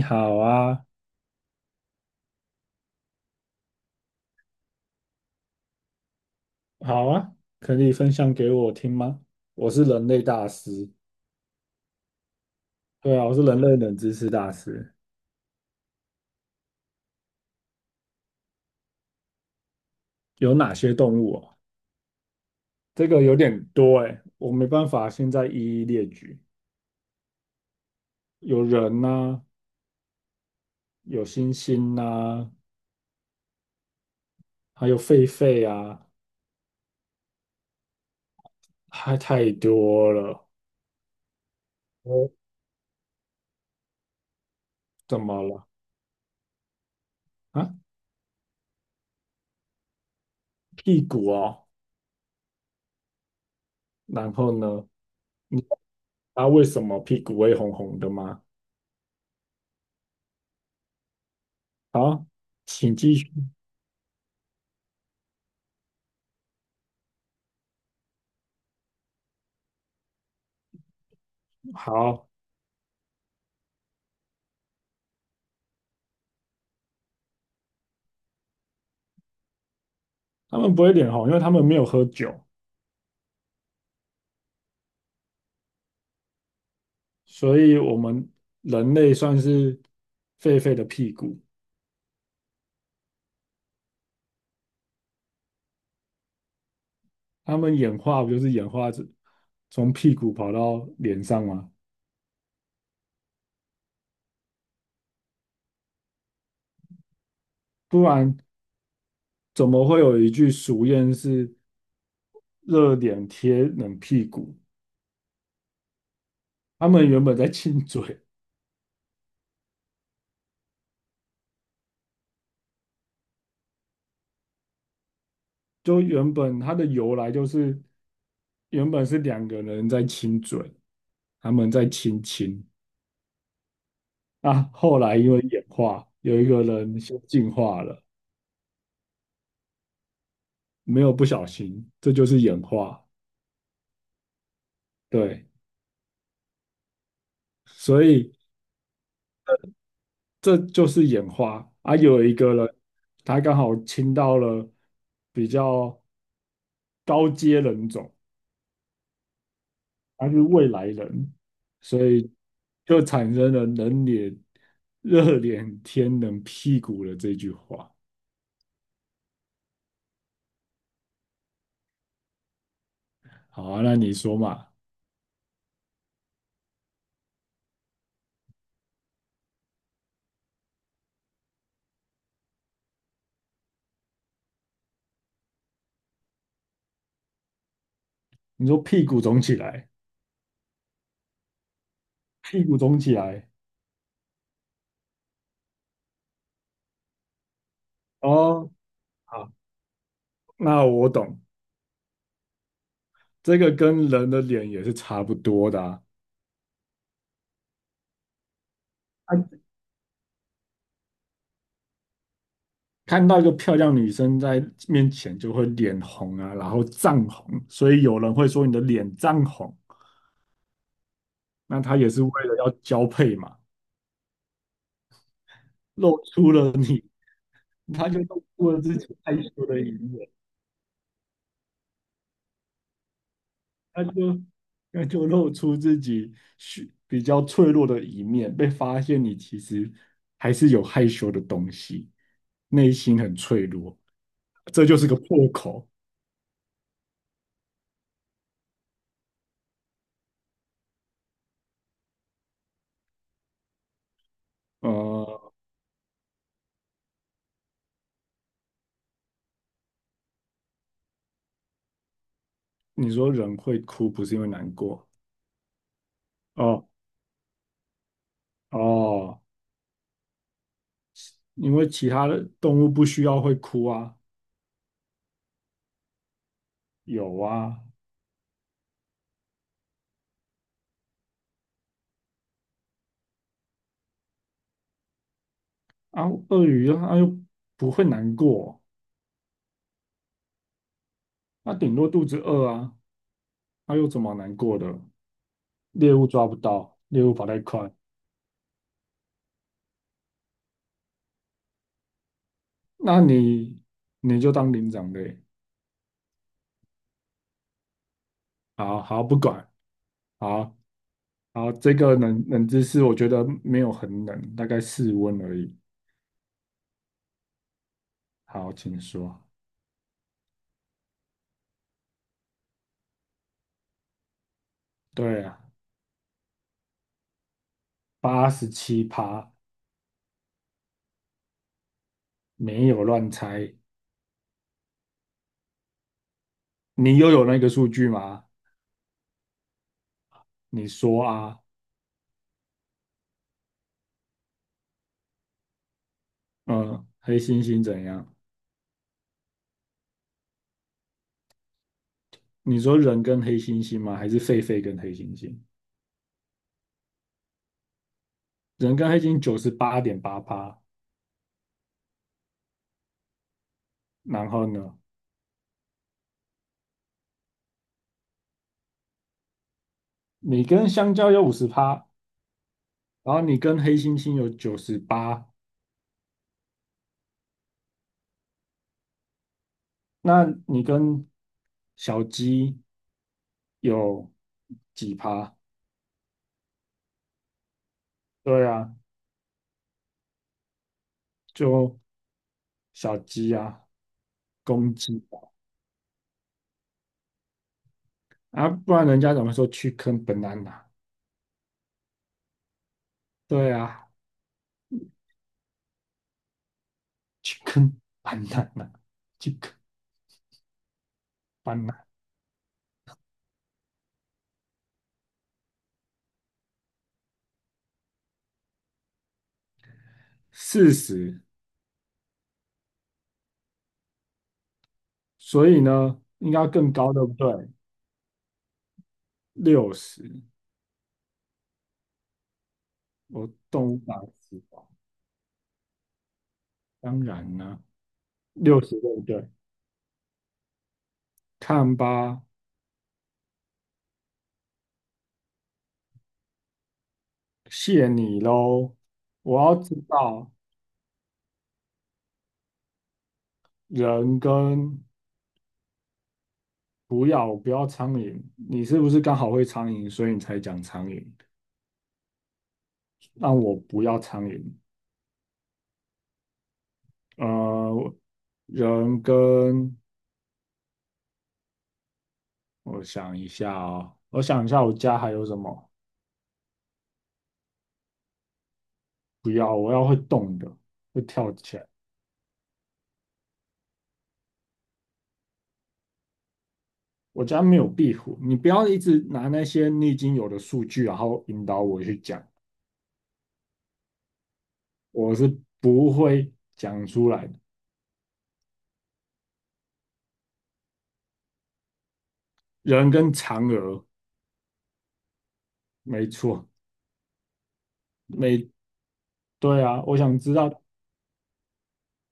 你好啊，好啊，可以分享给我听吗？我是人类大师，对啊，我是人类冷知识大师。有哪些动物哦？这个有点多哎，我没办法现在一一列举。有人呐、有猩猩呐、还有狒狒啊，还太多了。哦，怎么了？啊，屁股哦。然后呢？你知道为什么屁股会红红的吗？好，请继续。好。他们不会脸红，因为他们没有喝酒，所以我们人类算是狒狒的屁股。他们演化不就是演化成从屁股跑到脸上吗？不然怎么会有一句俗谚是"热脸贴冷屁股"？他们原本在亲嘴，就原本它的由来就是原本是两个人在亲嘴，他们在亲亲。啊。后来因为演化，有一个人先进化了。没有不小心，这就是演化。对，所以这就是演化啊。有一个人，他刚好亲到了比较高阶人种，他是未来人，所以就产生了"人脸热脸贴冷屁股"的这句话。好啊，那你说嘛？你说屁股肿起来，屁股肿起来哦。好，那我懂，这个跟人的脸也是差不多的啊。啊看到一个漂亮女生在面前就会脸红啊，然后涨红，所以有人会说你的脸涨红，那他也是为了要交配嘛，露出了你，他就露出了自己害羞的一面，他就那就露出自己比较脆弱的一面，被发现你其实还是有害羞的东西，内心很脆弱，这就是个破口。呃，你说人会哭不是因为难过哦哦。哦因为其他的动物不需要会哭啊，有啊，啊，鳄鱼啊它又不会难过，它顶多肚子饿啊，它又怎么难过的？猎物抓不到，猎物跑太快，那你就当领长呗。好好不管，好好这个冷知识我觉得没有很冷，大概室温而已。好，请说。对啊，87趴，没有乱猜。你又有那个数据吗？你说啊。嗯，黑猩猩怎样？你说人跟黑猩猩吗？还是狒狒跟黑猩猩？人跟黑猩猩98.8趴，然后呢，你跟香蕉有50趴，然后你跟黑猩猩有九十八，那你跟小鸡有几趴？对啊，就小鸡啊，公鸡啊，啊不然人家怎么说去坑 banana？对啊去坑 b a n a n a 去坑 banana，40。所以呢，应该要更高，对不对？六十，我动物百十吧，当然呢，六十对不对？看吧，谢你喽。我要知道人跟不要，我不要苍蝇。你是不是刚好会苍蝇，所以你才讲苍蝇？让我不要苍蝇。呃，人跟我想一下哦，我想一下，我家还有什么？不要，我要会动的，会跳。起来。我家没有壁虎，你不要一直拿那些你已经有的数据，然后引导我去讲，我是不会讲出来的。人跟嫦娥，没错，没，对啊，我想知道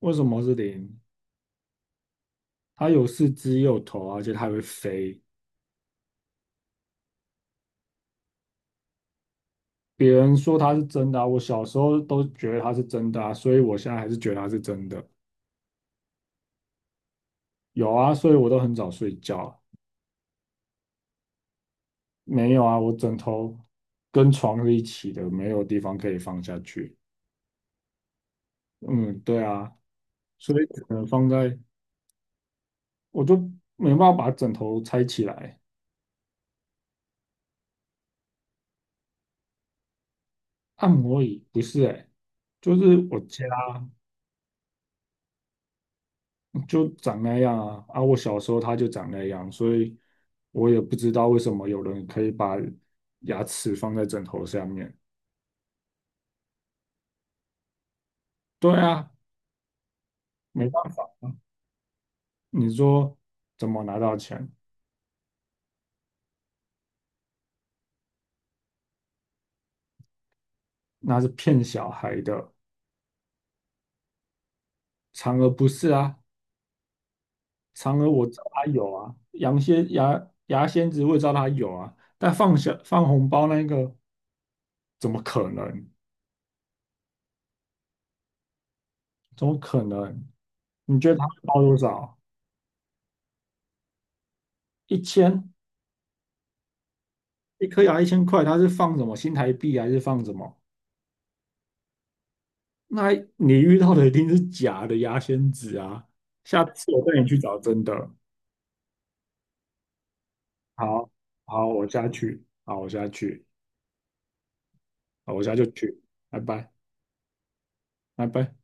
为什么是零，它有四肢也有头啊，而且它还会飞。别人说它是真的啊，我小时候都觉得它是真的啊，所以我现在还是觉得它是真的。有啊，所以我都很早睡觉啊没有啊，我枕头跟床是一起的，没有地方可以放下去。嗯，对啊，所以只能放在，我就没办法把枕头拆起来。按摩椅不是哎、就是我家就长那样啊，啊，我小时候他就长那样，所以我也不知道为什么有人可以把牙齿放在枕头下面。对啊，没办法，你说怎么拿到钱？那是骗小孩的，嫦娥不是啊，嫦娥我知道它有啊，羊蝎牙牙仙子我也知道它有啊，但放下放红包那个怎么可能？怎么可能？你觉得他会包多少？一千一颗牙1000块，他是放什么新台币还是放什么？那你遇到的一定是假的牙仙子啊！下次我带你去找真的。好，好，我下去，好，我下去，好，我下就去，拜拜，拜拜。